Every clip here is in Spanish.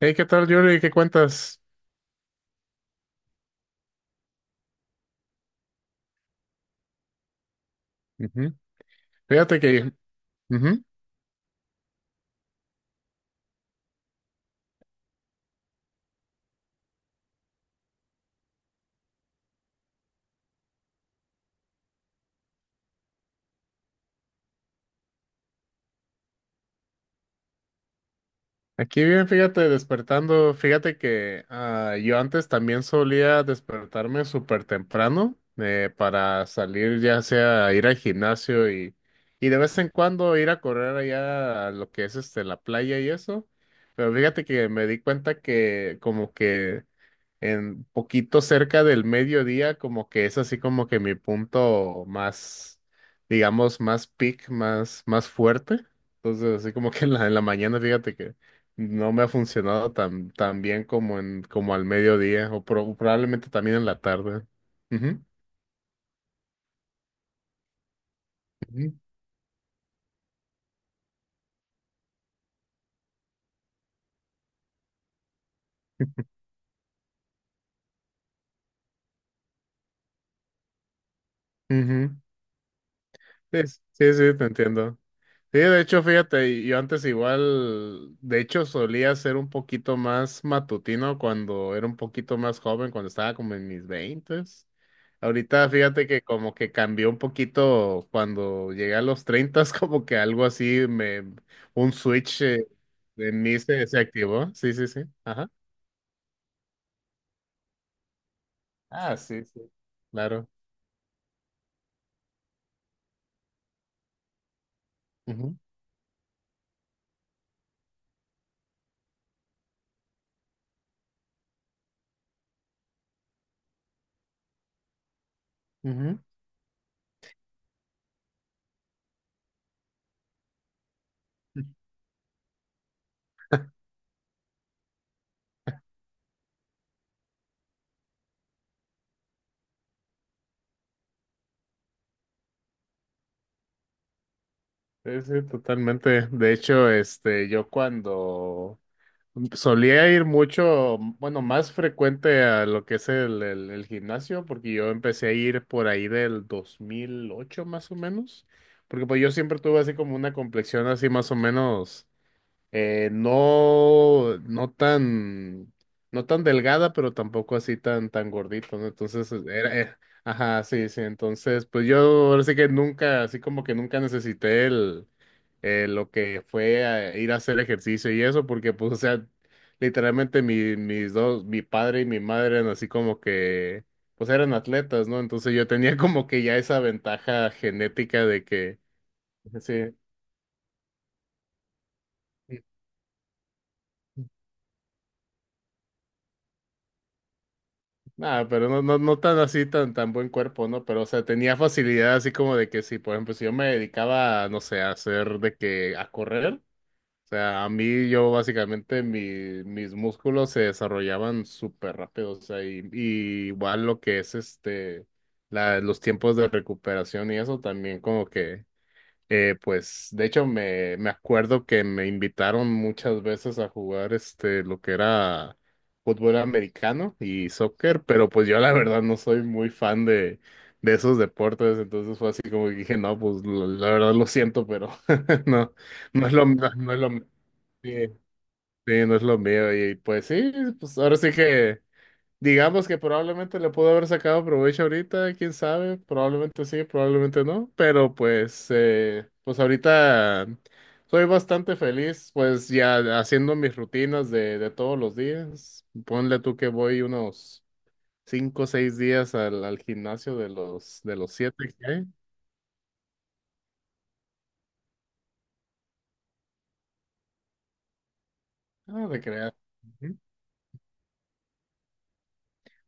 Hey, ¿qué tal, Yuri? ¿Qué cuentas? Ujú. Fíjate que, ujú, aquí bien, fíjate, despertando. Fíjate que yo antes también solía despertarme súper temprano para salir, ya sea a ir al gimnasio y de vez en cuando ir a correr allá a lo que es la playa y eso. Pero fíjate que me di cuenta que como que en poquito cerca del mediodía, como que es así como que mi punto más, digamos, más peak, más fuerte. Entonces, así como que en la mañana, fíjate que no me ha funcionado tan, tan bien como al mediodía, o probablemente también en la tarde. Ujú, ujú, ujú. Sí, sí, sí, te entiendo. Sí, de hecho, fíjate, yo antes igual, de hecho, solía ser un poquito más matutino cuando era un poquito más joven, cuando estaba como en mis veintes. Ahorita, fíjate que como que cambió un poquito cuando llegué a los treintas, como que algo así, un switch en mí se activó. Sí, sí, sí. Ajá. Ah, sí, sí. Claro. Ujú, ujú. Sí, sí, totalmente. De hecho, este, yo cuando Solía ir mucho, bueno, más frecuente a lo que es el gimnasio, porque yo empecé a ir por ahí del 2008 más o menos, porque pues yo siempre tuve así como una complexión así más o menos, no, no tan delgada, pero tampoco así tan, tan gordito, ¿no? Entonces, ajá, sí, sí, entonces, pues yo ahora sí que nunca, así como que nunca necesité lo que fue a ir a hacer ejercicio y eso, porque pues, o sea, literalmente mi padre y mi madre eran así como que, pues eran atletas, ¿no? Entonces yo tenía como que ya esa ventaja genética de que, sí. Nada, pero no, no, no tan así, tan, tan buen cuerpo, ¿no? Pero, o sea, tenía facilidad así como de que si, por ejemplo, si yo me dedicaba, no sé, a hacer a correr, o sea, a mí yo básicamente mis músculos se desarrollaban súper rápido, o sea, y igual lo que es los tiempos de recuperación y eso también como que... pues de hecho me acuerdo que me invitaron muchas veces a jugar lo que era fútbol americano y soccer, pero pues yo la verdad no soy muy fan de esos deportes, entonces fue así como que dije, no, pues la verdad lo siento, pero no, no es lo, sí, sí, no es lo mío y pues sí, pues ahora sí que digamos que probablemente le pudo haber sacado provecho ahorita, quién sabe, probablemente sí, probablemente no, pero pues, pues ahorita soy bastante feliz, pues ya haciendo mis rutinas de todos los días. Ponle tú que voy unos 5 o 6 días al gimnasio de los siete que hay. Ah, de crear.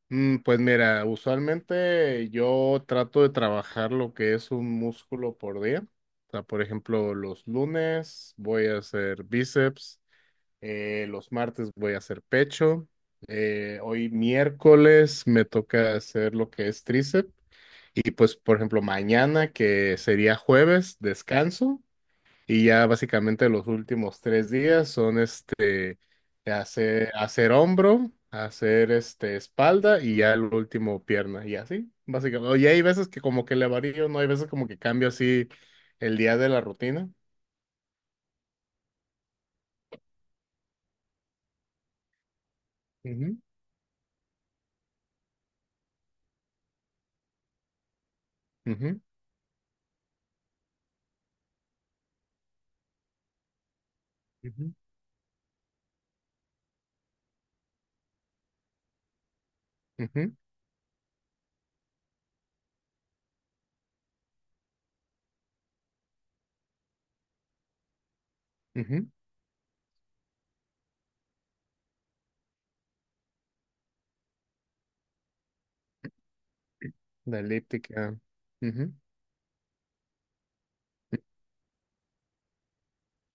Pues mira, usualmente yo trato de trabajar lo que es un músculo por día. O sea, por ejemplo, los lunes voy a hacer bíceps, los martes voy a hacer pecho, hoy miércoles me toca hacer lo que es tríceps y pues, por ejemplo, mañana que sería jueves, descanso y ya básicamente los últimos tres días son de hacer, hacer hombro, hacer espalda y ya el último pierna y así, básicamente. Y hay veces que como que le varío, no hay veces como que cambio así el día de la rutina. Ujú, ujú, ujú, ujú, ujú. La elíptica. Ujú.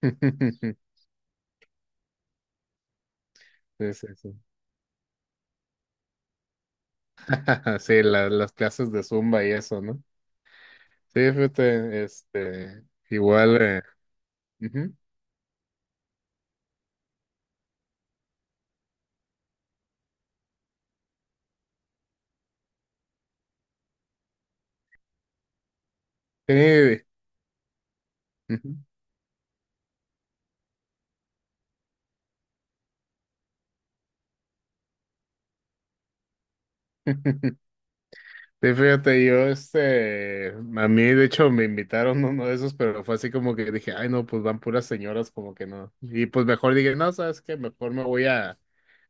Sí, sí, sí. Sí, las clases de Zumba y eso, ¿no? Sí, fíjate, igual, ujú, sí, ujú. Sí, fíjate, yo, a mí de hecho me invitaron a uno de esos, pero fue así como que dije, ay no, pues van puras señoras, como que no. Y pues mejor dije, no, sabes qué, mejor me voy a,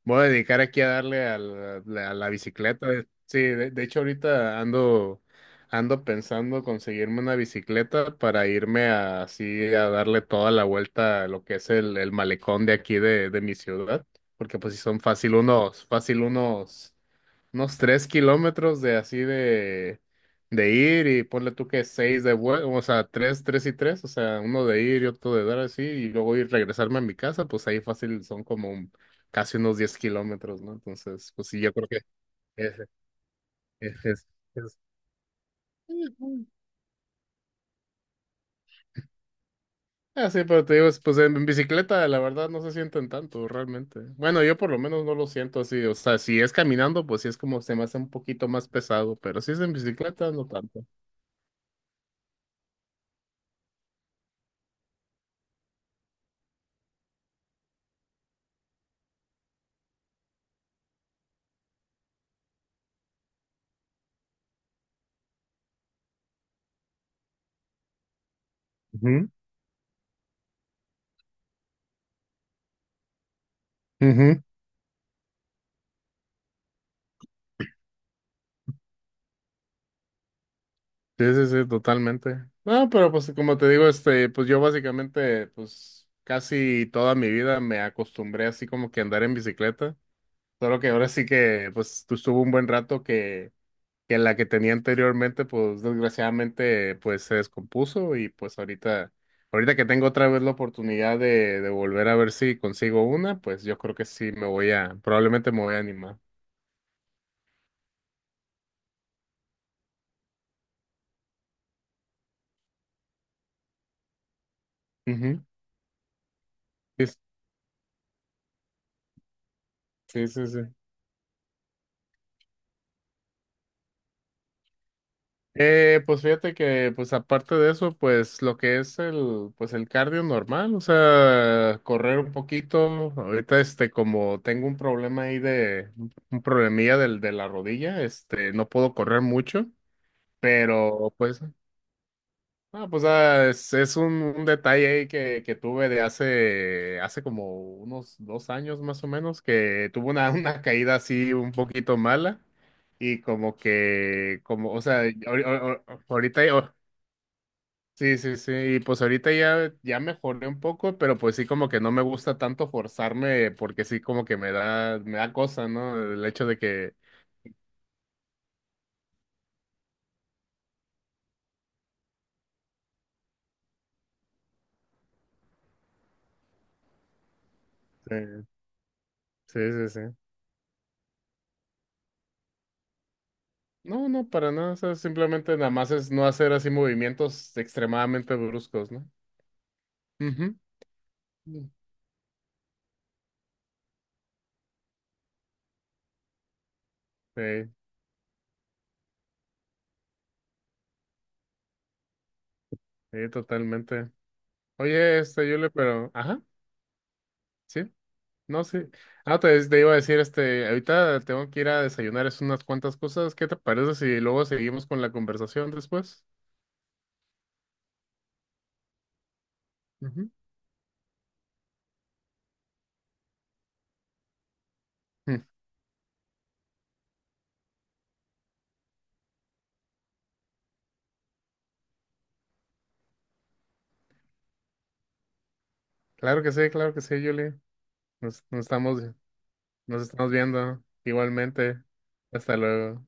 me voy a dedicar aquí a darle a a la bicicleta. Sí, de hecho ahorita ando pensando conseguirme una bicicleta para irme así a darle toda la vuelta a lo que es el malecón de aquí de mi ciudad, porque pues si son fácil unos, unos 3 kilómetros de así de ir y ponle tú que seis de vuelta, o sea, tres, tres y tres, o sea, uno de ir y otro de dar así, y luego ir regresarme a mi casa, pues ahí fácil son como casi unos 10 kilómetros, ¿no? Entonces, pues sí, yo creo que es, es, es, es- Ah, sí, pero te digo, pues en bicicleta la verdad no se sienten tanto realmente. Bueno, yo por lo menos no lo siento así, o sea, si es caminando, pues sí es como se me hace un poquito más pesado, pero si es en bicicleta, no tanto. Ujú, ujú. Sí, sí, sí, totalmente. No, pero pues como te digo, pues yo básicamente, pues casi toda mi vida me acostumbré así como que a andar en bicicleta. Solo que ahora sí que, pues estuvo un buen rato que, la que tenía anteriormente, pues desgraciadamente, pues se descompuso y pues ahorita que tengo otra vez la oportunidad de volver a ver si consigo una, pues yo creo que sí probablemente me voy a animar. Ujú. Sí, sí, sí. Sí. Pues fíjate que, pues aparte de eso, pues lo que es el cardio normal, o sea, correr un poquito. Ahorita, como tengo un problema ahí un problemilla de la rodilla, no puedo correr mucho, pero pues, es un detalle ahí que tuve de hace como unos 2 años más o menos, que tuve una, una caída así un poquito mala. Y como que, como, o sea, ahorita. Sí, sí, sí, y pues ahorita ya, ya mejoré un poco, pero pues sí como que no me gusta tanto forzarme porque sí como que me da cosa, ¿no? El hecho de que... Sí, sí, sí. Sí. No, no, para nada, o sea, simplemente nada más es no hacer así movimientos extremadamente bruscos, ¿no? Ujú. Mm. Sí, sí, totalmente. Oye, ajá, sí, no, sí. Ah, te iba a decir, ahorita tengo que ir a desayunar, es unas cuantas cosas, ¿qué te parece si luego seguimos con la conversación después? Ujú. Mm, claro que sí, Julie. Nos, nos estamos, nos estamos viendo igualmente. Hasta luego.